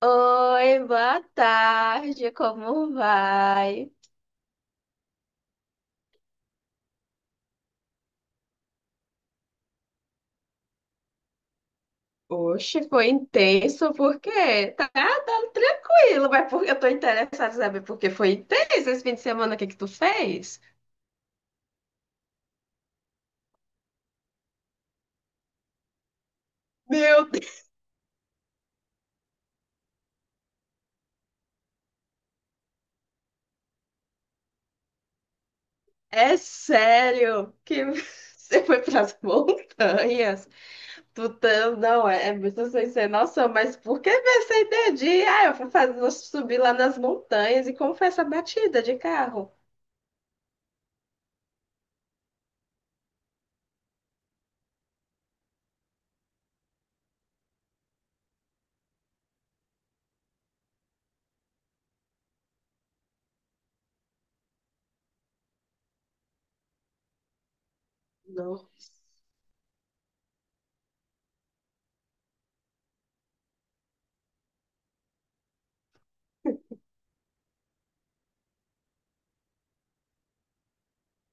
Oi, boa tarde, como vai? Oxe, foi intenso, por quê? Tá, tá tranquilo, mas porque eu tô interessada em saber por que foi intenso esse fim de semana, o que que tu fez? Meu Deus, é sério que você foi pras montanhas? Não, é muito sem ser noção, mas por que essa ideia de, ah, eu vou fazer, vou subir lá nas montanhas e como foi essa batida de carro? Não.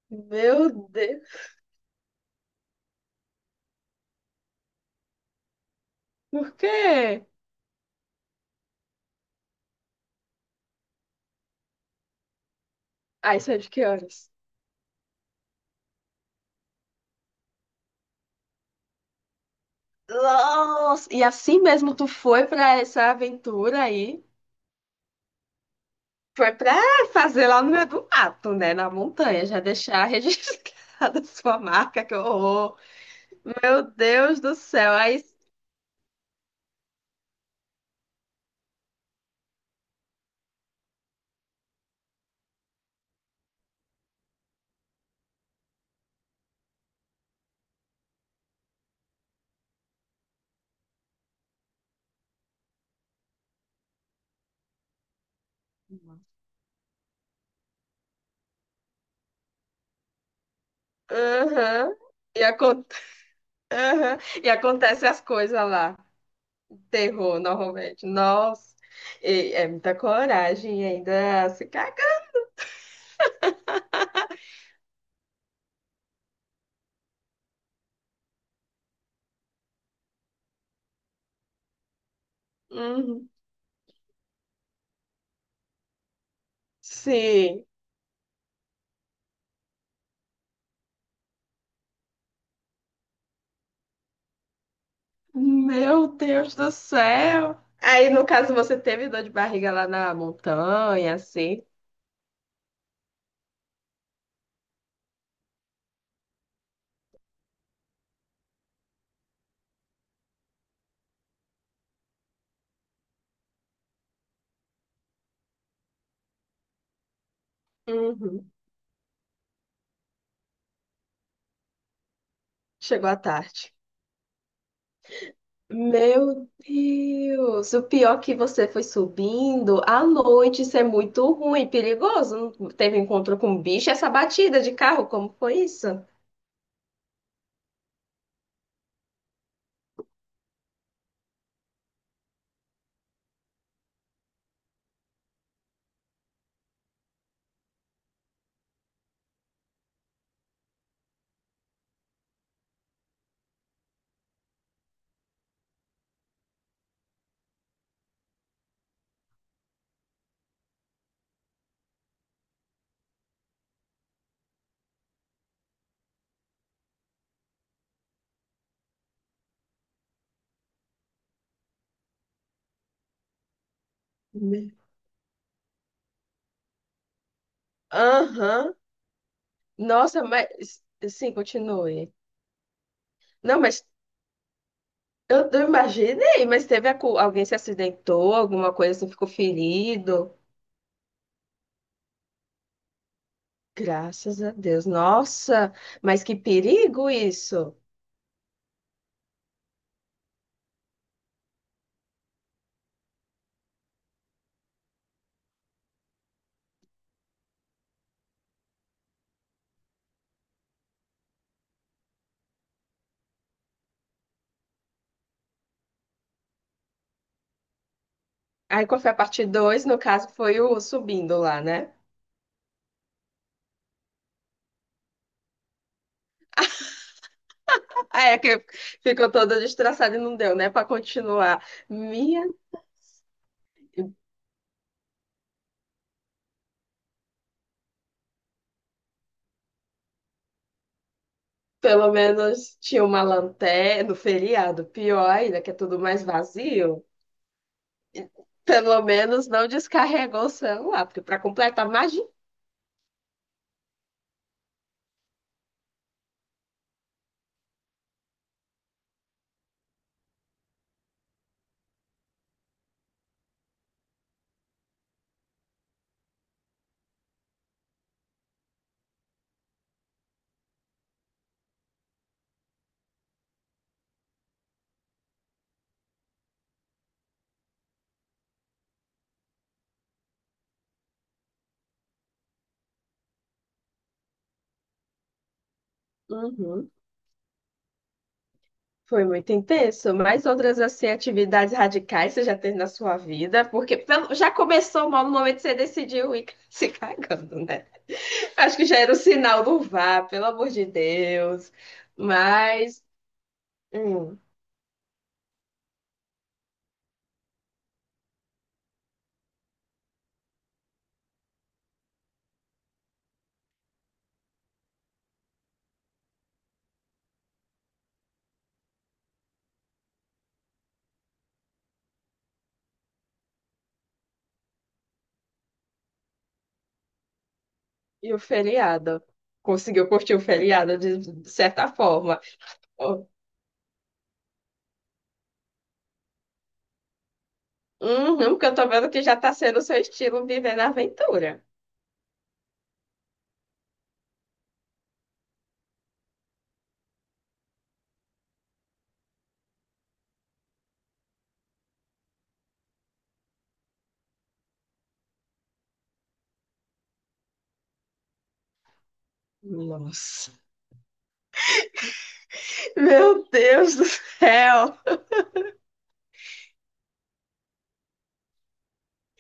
Meu Deus, por quê? Aí saiu de que horas? Nossa! E assim mesmo tu foi pra essa aventura aí? Foi pra fazer lá no meio do mato, né? Na montanha, já deixar registrada a sua marca, que horror! Meu Deus do céu! Aí, aham, e, acon- aham, e acontece as coisas lá. Terror, normalmente. Nossa! E é muita coragem e ainda se caga. Uhum. Sim. Meu Deus do céu! Aí, no caso, você teve dor de barriga lá na montanha, assim? Uhum. Chegou à tarde. Meu Deus! O pior é que você foi subindo à noite, isso é muito ruim, perigoso. Não teve encontro com bicho, essa batida de carro, como foi isso? Me- Aham. Nossa, mas. Sim, continue. Não, mas eu imaginei, mas teve alguém se acidentou, alguma coisa assim, ficou ferido. Graças a Deus. Nossa, mas que perigo isso. Aí qual foi a parte dois? No caso, foi o subindo lá, né? Ah, é que ficou toda destraçada e não deu, né? Para continuar. Minha, pelo menos tinha uma lanterna no feriado. Pior ainda, que é tudo mais vazio. Pelo menos não descarregou o celular, porque para completar, imagina. Foi muito intenso. Mais outras assim, atividades radicais você já teve na sua vida? Porque já começou mal no momento que você decidiu ir se cagando, né? Acho que já era o sinal do vá, pelo amor de Deus. Mas, hum, e o feriado? Conseguiu curtir o feriado de certa forma? Oh, uhum, porque eu tô vendo que já tá sendo o seu estilo viver na aventura. Nossa. Meu Deus do céu!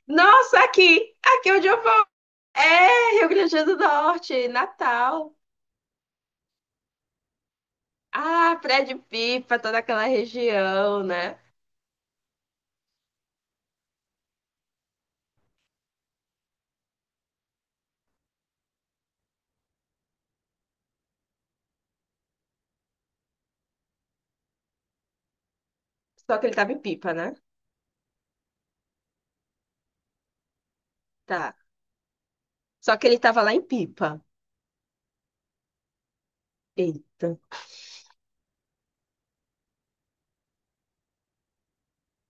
Nossa, aqui! Aqui onde eu É, Rio Grande do Norte, Natal. Ah, Prédio de Pipa, toda aquela região, né? Só que ele tava em Pipa, né? Tá. Só que ele tava lá em Pipa. Eita.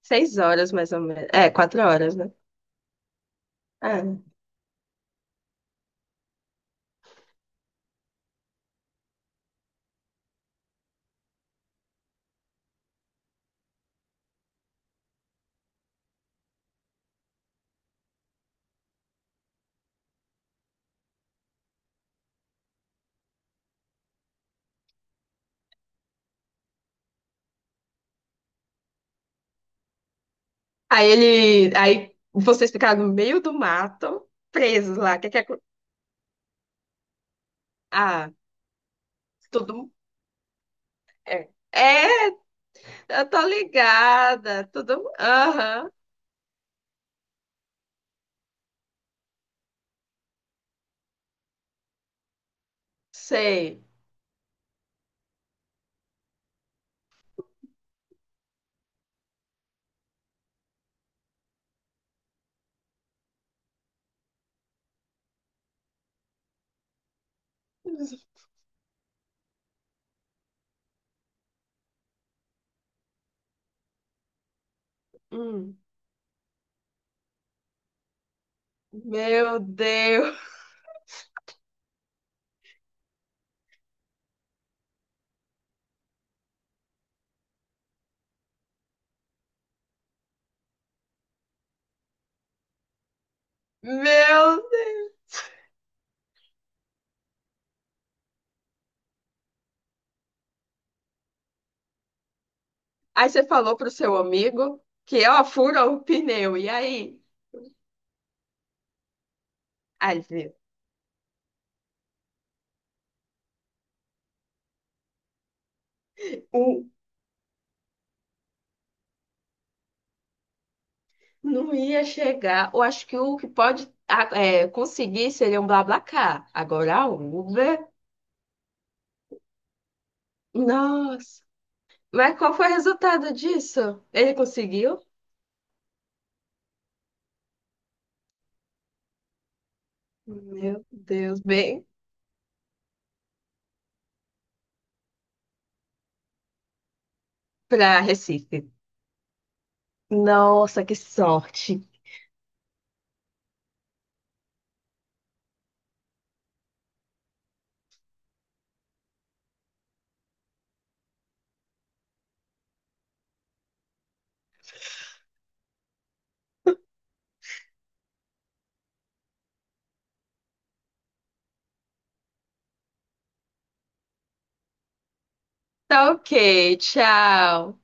Seis horas, mais ou menos. É, quatro horas, né? É. Aí ele. Aí vocês ficaram no meio do mato, presos lá. Que é, ah, tudo. É. É, eu tô ligada. Tudo. Aham, sei. Hum. Meu Deus. Meu Aí você falou pro seu amigo que, ó, fura o pneu. E aí? Aí, vê, o, não ia chegar. Eu acho que o que pode ah, conseguir seria um BlaBlaCar. Agora a Uber, nossa. Mas qual foi o resultado disso? Ele conseguiu? Meu Deus, bem pra Recife. Nossa, que sorte. Tá, ok, tchau.